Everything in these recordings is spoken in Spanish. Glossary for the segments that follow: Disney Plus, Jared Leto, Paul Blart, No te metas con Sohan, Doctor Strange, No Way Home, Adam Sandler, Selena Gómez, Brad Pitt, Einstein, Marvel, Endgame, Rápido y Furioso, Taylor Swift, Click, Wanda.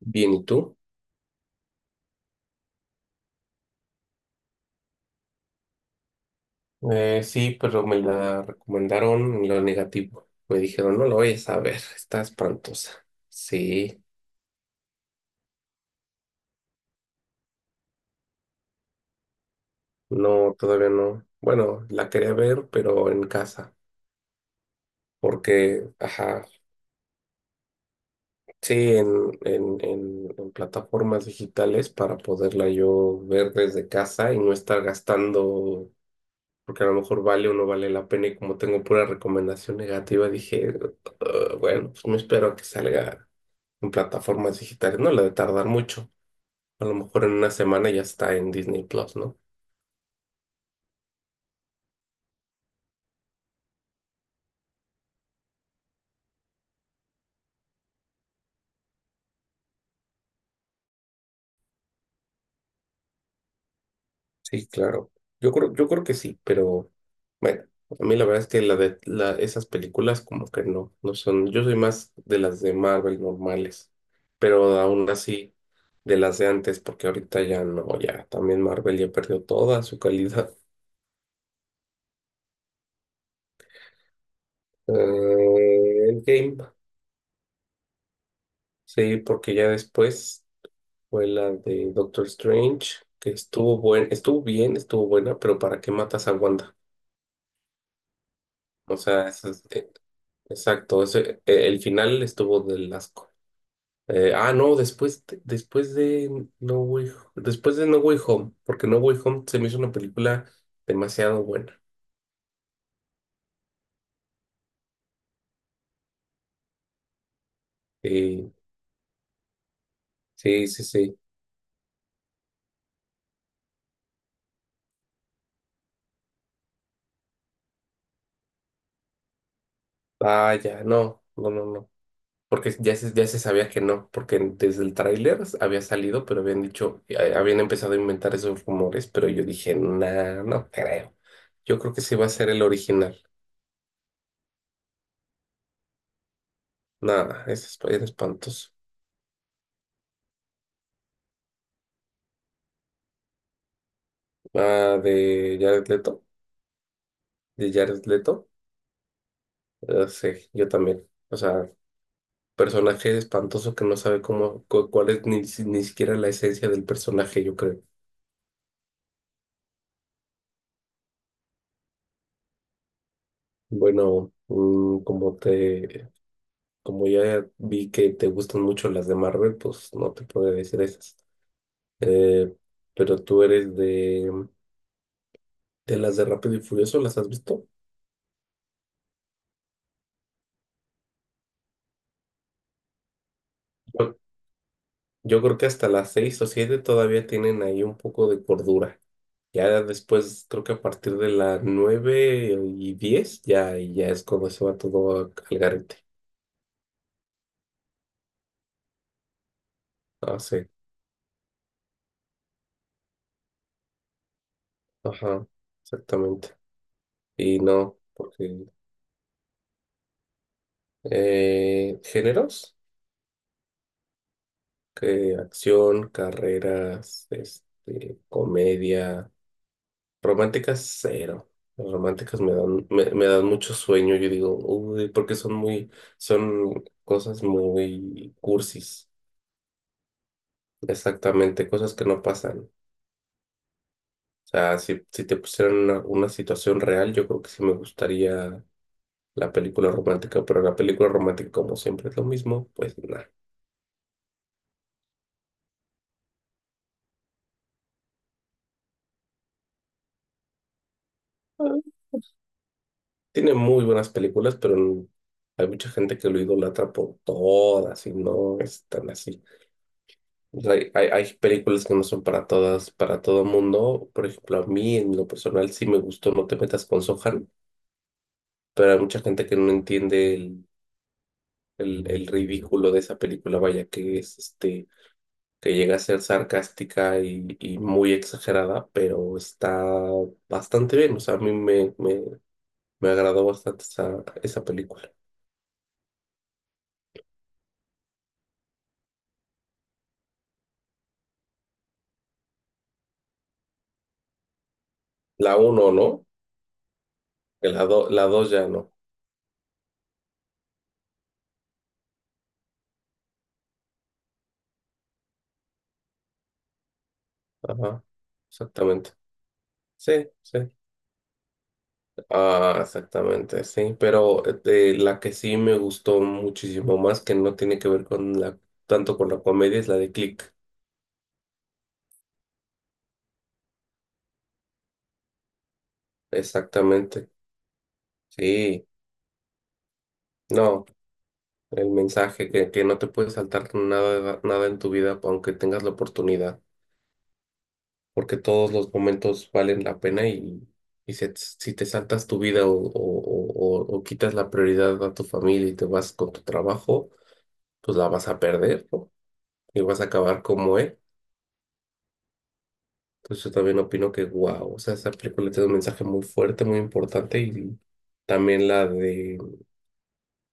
Bien, ¿y tú? Sí, pero me la recomendaron en lo negativo. Me dijeron, no lo vayas a ver, está espantosa. Sí, no, todavía no. Bueno, la quería ver, pero en casa, porque, ajá, sí, en plataformas digitales para poderla yo ver desde casa y no estar gastando, porque a lo mejor vale o no vale la pena y como tengo pura recomendación negativa, dije, "Ugh, bueno, pues me espero a que salga en plataformas digitales." No le debe tardar mucho. A lo mejor en una semana ya está en Disney Plus, ¿no? Sí, claro. Yo creo que sí, pero bueno, a mí la verdad es que esas películas como que no, no son. Yo soy más de las de Marvel normales, pero aún así de las de antes, porque ahorita ya no, ya también Marvel ya perdió toda su calidad. Endgame, sí, porque ya después. Fue la de Doctor Strange, que estuvo bien, estuvo buena, pero ¿para qué matas a Wanda? O sea, exacto, el final estuvo del asco. No, después, después de No Way Home, porque No Way Home se me hizo una película demasiado buena. Sí, sí, sí, sí. Vaya, no, no, no, no, porque ya se sabía que no, porque desde el tráiler había salido, pero habían empezado a inventar esos rumores, pero yo dije, nah, no creo. Yo creo que sí va a ser el original. Nada, es espantoso. Ah, de Jared Leto, sí, yo también. O sea, personaje espantoso que no sabe cómo, cuál es ni, ni siquiera la esencia del personaje, yo creo. Bueno, como ya vi que te gustan mucho las de Marvel, pues no te podré decir esas. Eh, pero tú eres de las de Rápido y Furioso, ¿las has visto? Yo, yo creo que hasta las seis o siete todavía tienen ahí un poco de cordura. Ya después, creo que a partir de las nueve y diez, ya, ya es cuando se va al garete. Ah, sí. Ajá, exactamente. Y no, porque. ¿Géneros? Que acción, carreras, este, comedia, románticas cero. Las románticas me dan mucho sueño. Yo digo, uy, porque son cosas muy cursis. Exactamente, cosas que no pasan. O sea, si te pusieran una situación real, yo creo que sí me gustaría la película romántica, pero la película romántica, como siempre, es lo mismo, pues nada. Tiene muy buenas películas, pero hay mucha gente que lo idolatra por todas y no es tan así. O sea, hay, hay películas que no son para todas, para todo mundo. Por ejemplo, a mí en lo personal sí me gustó No te metas con Sohan, pero hay mucha gente que no entiende el ridículo de esa película, vaya, que es este, que llega a ser sarcástica y muy exagerada, pero está bastante bien. O sea, a mí me agradó bastante esa, esa película. La uno, ¿no? La dos ya no. Ajá, exactamente. Sí, sí. Ah, exactamente, sí. Pero de la que sí me gustó muchísimo más, que no tiene que ver tanto con la comedia, es la de Click. Exactamente. Sí. No, el mensaje que no te puedes saltar nada, nada en tu vida, aunque tengas la oportunidad, porque todos los momentos valen la pena y, si te saltas tu vida o, o quitas la prioridad a tu familia y te vas con tu trabajo, pues la vas a perder, ¿no? Y vas a acabar como él. Entonces yo también opino que, wow, o sea, esa película tiene un mensaje muy fuerte, muy importante. Y también la de,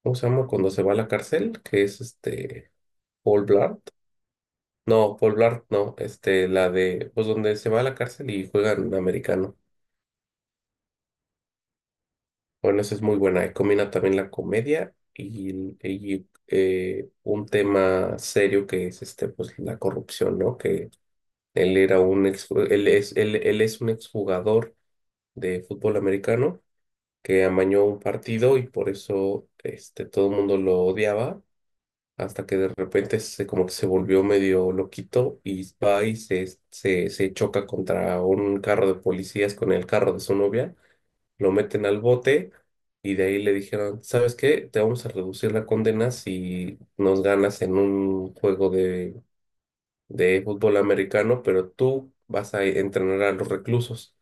¿cómo se llama? Cuando se va a la cárcel, que es este, Paul Blart. No, Paul Blart, no, este, la de, pues donde se va a la cárcel y juegan americano. Bueno, esa es muy buena. Y combina también la comedia y, un tema serio que es este, pues la corrupción, ¿no? Que él era un ex, él es un exjugador de fútbol americano que amañó un partido y por eso este, todo el mundo lo odiaba hasta que de repente como que se volvió medio loquito y va y se choca contra un carro de policías con el carro de su novia, lo meten al bote y de ahí le dijeron, ¿sabes qué? Te vamos a reducir la condena si nos ganas en un juego de fútbol americano, pero tú vas a entrenar a los reclusos.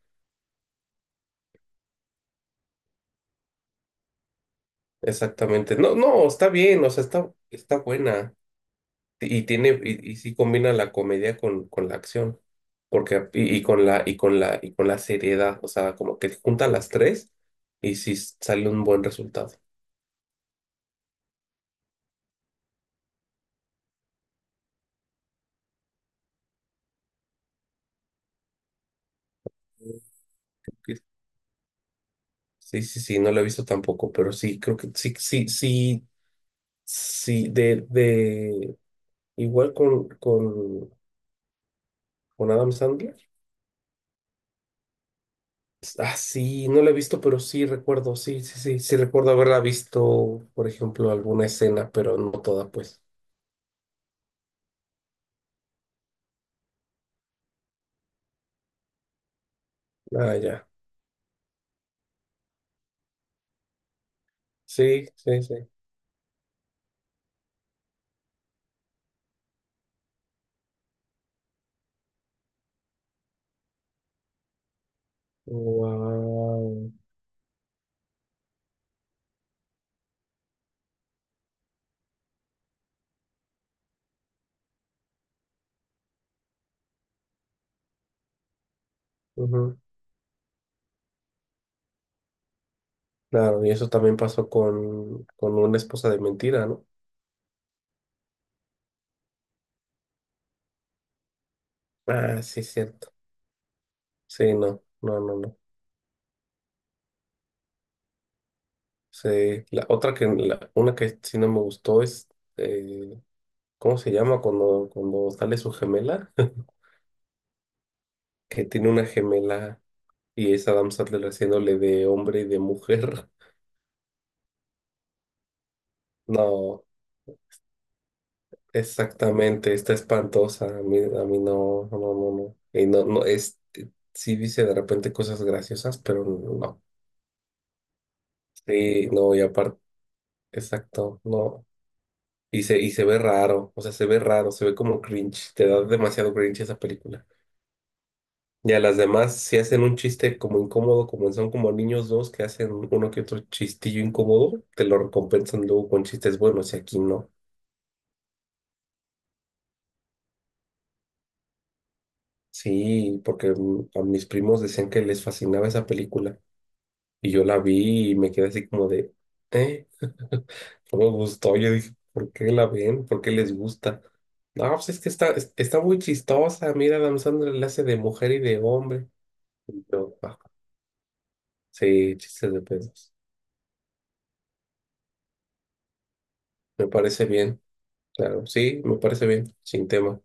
Exactamente. No, no, está bien, o sea, está buena. Y tiene, y sí combina la comedia con la acción. Porque, y con la seriedad. O sea, como que junta las tres y sí sale un buen resultado. Que- Sí, sí, sí, no lo he visto tampoco, pero sí, creo que sí, sí, sí, sí, igual con Adam Sandler. Ah, sí, no la he visto, pero sí recuerdo, sí, sí, sí, sí recuerdo haberla visto, por ejemplo, alguna escena, pero no toda, pues. Ah, ya. Sí, sí, sí. Wow. Claro, y eso también pasó con una esposa de mentira, ¿no? Ah, sí, cierto. Sí, no, no, no, no. Sí, la otra una que sí no me gustó es, eh, ¿cómo se llama cuando sale su gemela? Que tiene una gemela y es Adam Sandler haciéndole de hombre y de mujer. No, exactamente, está espantosa. A mí no, no, no, no, no. Y no, no, sí dice de repente cosas graciosas, pero no. Sí, no, y aparte, exacto, no. Y se ve raro, o sea, se ve raro, se ve como cringe, te da demasiado cringe esa película. Y a las demás sí hacen un chiste como incómodo, como Son como niños 2 que hacen uno que otro chistillo incómodo, te lo recompensan luego con chistes buenos y aquí no. Sí, porque a mis primos decían que les fascinaba esa película y yo la vi y me quedé así como de, ¿eh? No me gustó. Yo dije, ¿por qué la ven? ¿Por qué les gusta? No, pues es que está, está muy chistosa. Mira, Adam Sandler la hace de mujer y de hombre. Y yo, "Ah, sí, chistes de pedos." Me parece bien, claro, sí, me parece bien, sin tema.